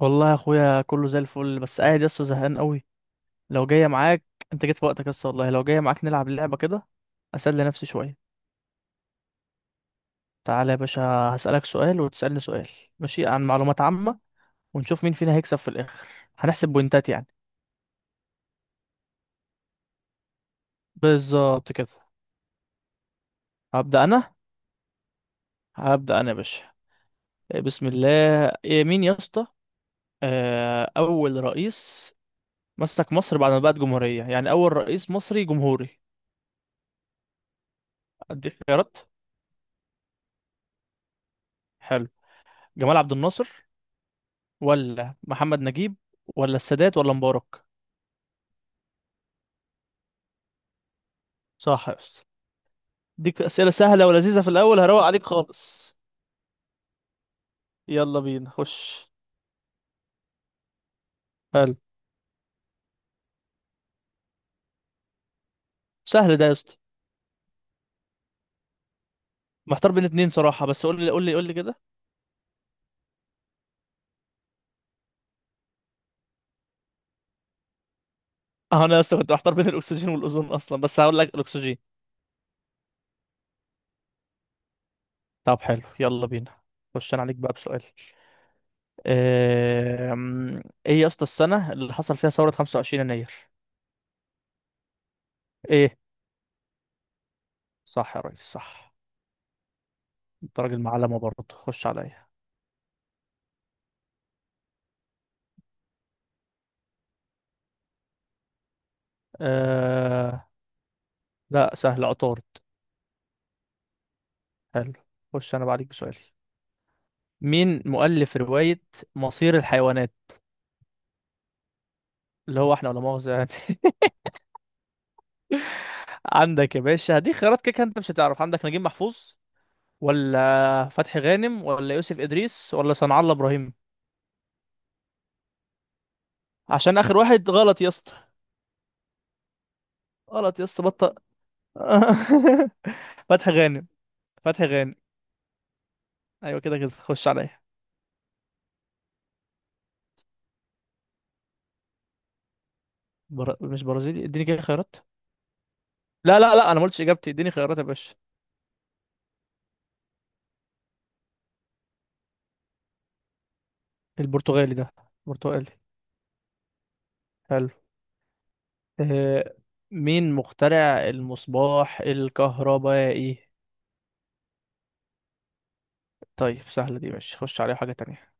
والله يا اخويا كله زي الفل، بس قاعد يسطا زهقان قوي. لو جايه معاك. انت جيت في وقتك يسطا، والله لو جايه معاك نلعب اللعبه كده اسلي نفسي شويه. تعالى يا باشا، هسألك سؤال وتسألني سؤال، ماشي؟ عن معلومات عامه، ونشوف مين فينا هيكسب في الاخر. هنحسب بوينتات يعني. بالظبط كده. هبدأ انا هبدأ انا يا باشا. بسم الله. إيه مين يا اسطى؟ اول رئيس مسك مصر بعد ما بقت جمهوريه، يعني اول رئيس مصري جمهوري. اديك خيارات. حلو. جمال عبد الناصر ولا محمد نجيب ولا السادات ولا مبارك؟ صح يا أستاذ. ديك أسئلة سهلة ولذيذة في الأول، هروق عليك خالص. يلا بينا. خش. حلو. سهل ده يا اسطى. محتار بين اتنين صراحة، بس قول لي كده. اه انا يا اسطى كنت محتار بين الاكسجين والاوزون اصلا، بس هقول لك الاكسجين. طب حلو، يلا بينا. خش انا عليك بقى بسؤال. آم، ايه يا اسطى السنة اللي حصل فيها ثورة 25 يناير؟ ايه؟ صح يا ريس، صح. انت راجل معلمة برضه. خش عليا. آه... لا سهل، عطارد. حلو. خش انا بعديك بسؤال. مين مؤلف رواية مصير الحيوانات؟ اللي هو احنا ولا مؤاخذة يعني. عندك يا باشا، هديك خيارات، كده كده انت مش هتعرف. عندك نجيب محفوظ ولا فتحي غانم ولا يوسف إدريس ولا صنع الله إبراهيم؟ عشان آخر واحد غلط يا اسطى. غلط يا اسطى، بطل. فتحي غانم فتحي غانم. ايوه كده، كده خش عليا. مش برازيلي، اديني كده خيارات. لا لا لا، انا ما قلتش اجابتي، اديني خيارات يا باشا. البرتغالي ده، برتغالي. حلو. آه، مين مخترع المصباح الكهربائي؟ طيب سهلة دي، ماشي، خش عليها حاجة تانية.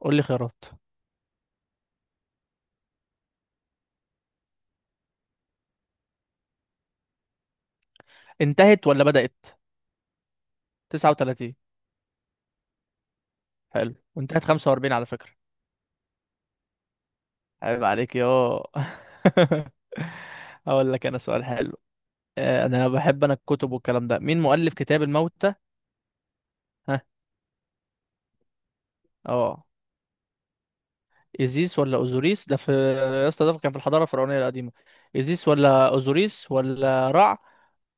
قول لي خيارات. انتهت ولا بدأت؟ 39. حلو، وانتهت 45 على فكرة. عيب عليك يا اقول لك انا سؤال حلو. انا بحب انا الكتب والكلام ده. مين مؤلف كتاب الموتى؟ ها؟ اه. إيزيس ولا أوزوريس؟ ده في يا اسطى، ده كان في الحضارة الفرعونية القديمة. إيزيس ولا أوزوريس ولا رع؟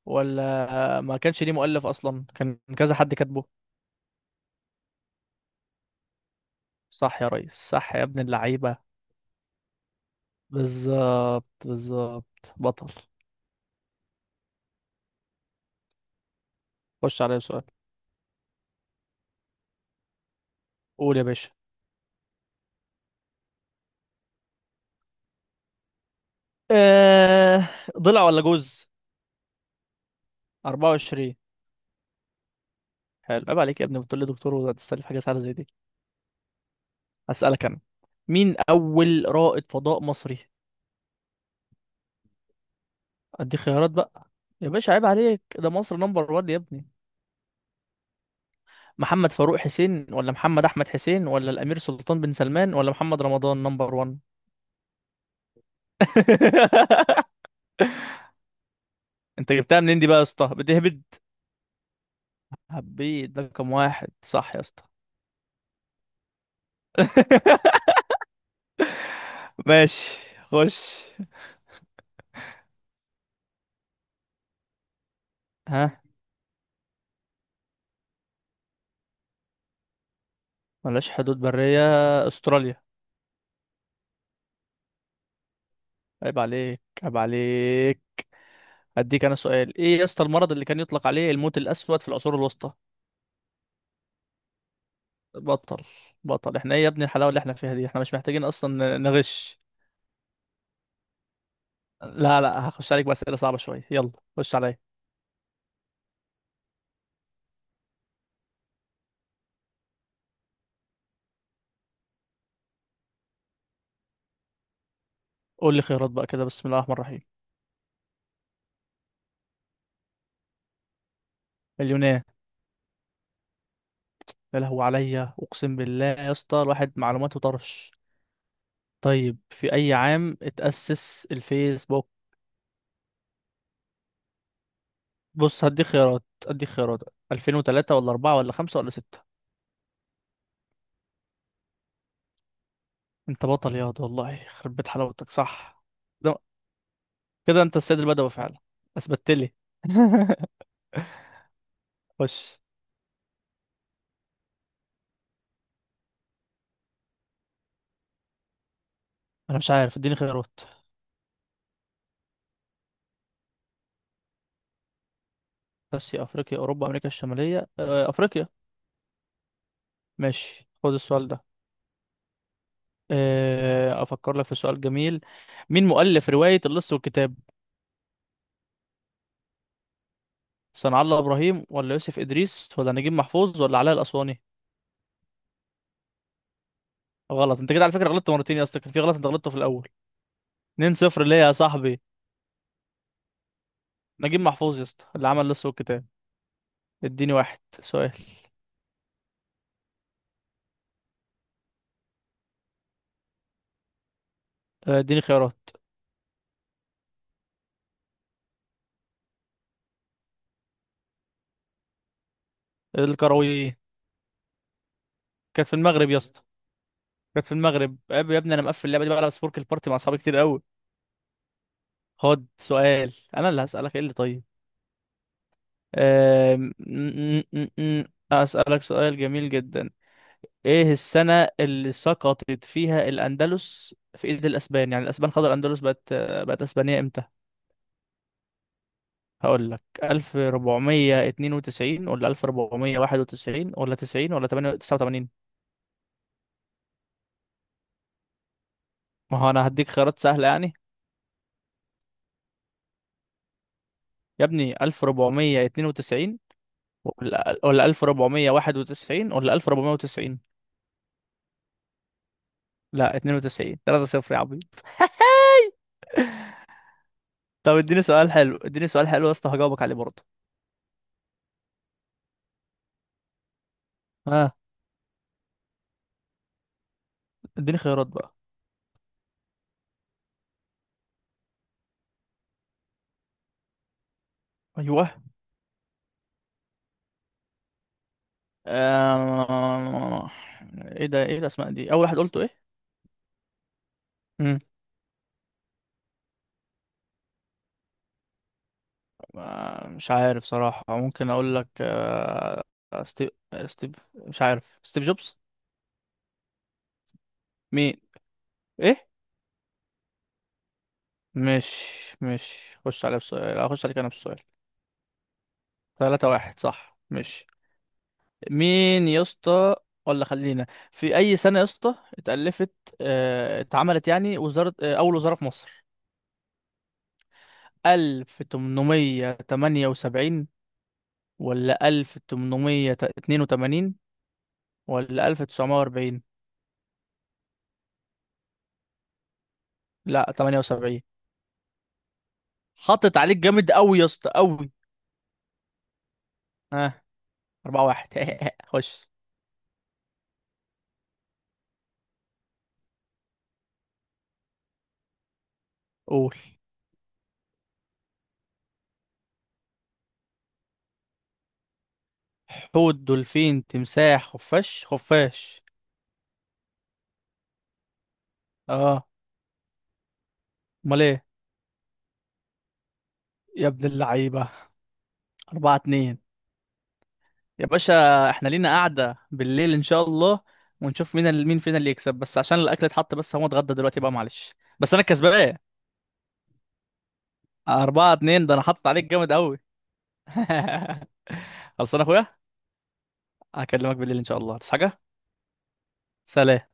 ولا ما كانش ليه مؤلف أصلا، كان كذا حد كاتبه. صح يا ريس، صح يا ابن اللعيبة. بالظبط بالظبط. بطل. خش عليا بسؤال. قول يا باشا. آه... ضلع ولا جوز؟ 24. حلو، عيب عليك يا ابني، بتقول لي دكتور وتستلف حاجة سهلة زي دي. هسألك أنا. مين أول رائد فضاء مصري؟ ادي خيارات بقى. يا باشا عيب عليك، ده مصر نمبر 1 يا ابني. محمد فاروق حسين ولا محمد احمد حسين ولا الامير سلطان بن سلمان ولا محمد رمضان نمبر 1؟ انت جبتها منين دي بقى يا اسطى؟ بتهبد. هبيت ده كم واحد صح يا اسطى؟ ماشي. خش. ها. ملاش حدود برية، استراليا. عيب عليك، عيب عليك. هديك انا سؤال. ايه يا اسطى المرض اللي كان يطلق عليه الموت الاسود في العصور الوسطى؟ بطل بطل. احنا ايه يا ابني الحلاوه اللي احنا فيها دي؟ احنا مش محتاجين اصلا نغش. لا لا، هخش عليك بأسئلة صعبة شوية. يلا خش عليا. قول لي خيارات بقى كده، بسم الله الرحمن الرحيم. اليونان. يا لهو عليا، اقسم بالله يا اسطى الواحد معلوماته طرش. طيب، في اي عام اتأسس الفيسبوك؟ بص هديك خيارات. هديك خيارات 2003 ولا 4 ولا 5 ولا 6؟ انت بطل ياض، والله يخرب بيت حلاوتك، صح. ده- كده انت السيد البدوي فعلا. اثبتت لي. خش. انا مش عارف، اديني خيارات. اسيا، افريقيا، اوروبا، امريكا الشماليه. افريقيا. ماشي خد السؤال ده. افكر لك في سؤال جميل. مين مؤلف روايه اللص والكتاب؟ صنع الله ابراهيم ولا يوسف ادريس ولا نجيب محفوظ ولا علاء الاسواني؟ غلط. انت كده على فكره غلطت مرتين يا اسطى، كان في غلط انت غلطته في الاول. 2 0، ليه يا صاحبي؟ نجيب محفوظ يا اسطى اللي عمل اللص والكتاب. اديني واحد سؤال. اديني خيارات. الكرويين. كانت في المغرب يا اسطى. كانت في المغرب يا ابني، انا مقفل اللعبه دي بقى على سبورك البارتي مع اصحابي كتير قوي. خد سؤال انا اللي هسألك. ايه اللي طيب. أم... م- م- م- م. هسألك سؤال جميل جدا. ايه السنة اللي سقطت فيها الاندلس في ايد الاسبان؟ يعني الاسبان خدوا الاندلس، بقت اسبانية امتى؟ هقول لك 1492 ولا 1491 ولا 90 ولا 89؟ ما هو انا هديك خيارات سهلة يعني. يا ابني 1492 ولا 1491 ولا 1490. لا، 92، 3 0 يا عبيط. طب اديني سؤال حلو، اديني سؤال حلو يا اسطى هجاوبك عليه برضه. ها. اديني خيارات بقى. ايوه. آه... ايه ده؟ ايه الاسماء دي؟ اول واحد قلته ايه؟ مم. مش عارف صراحة، ممكن اقول لك ستيف. مش عارف، ستيف جوبز. مين؟ ايه؟ مش مش خش عليه بسؤال. اخش عليك انا بسؤال. 3-1 صح، مش؟ مين يا اسطى؟ خلينا في اي سنة يا اسطى اتألفت؟ اتعملت يعني وزارة، اول وزارة في مصر. 1878 ولا 1882 ولا 1940؟ لا، تمانية وسبعين. حطت عليك جامد أوي يا اسطى، أوي. ها. 4-1. خش. قول. حوت، دولفين، تمساح، خفاش. خفاش. اه. امال ايه؟ يا ابن اللعيبة. 4-2. يا باشا احنا لينا قعدة بالليل إن شاء الله، ونشوف مين فينا اللي يكسب، بس عشان الأكل اتحط، بس هو اتغدى دلوقتي بقى، معلش. بس أنا كسبان. أربعة اتنين ده، أنا حاطط عليك جامد أوي. خلصان يا أخويا. هكلمك بالليل إن شاء الله تصحى حاجة. سلام.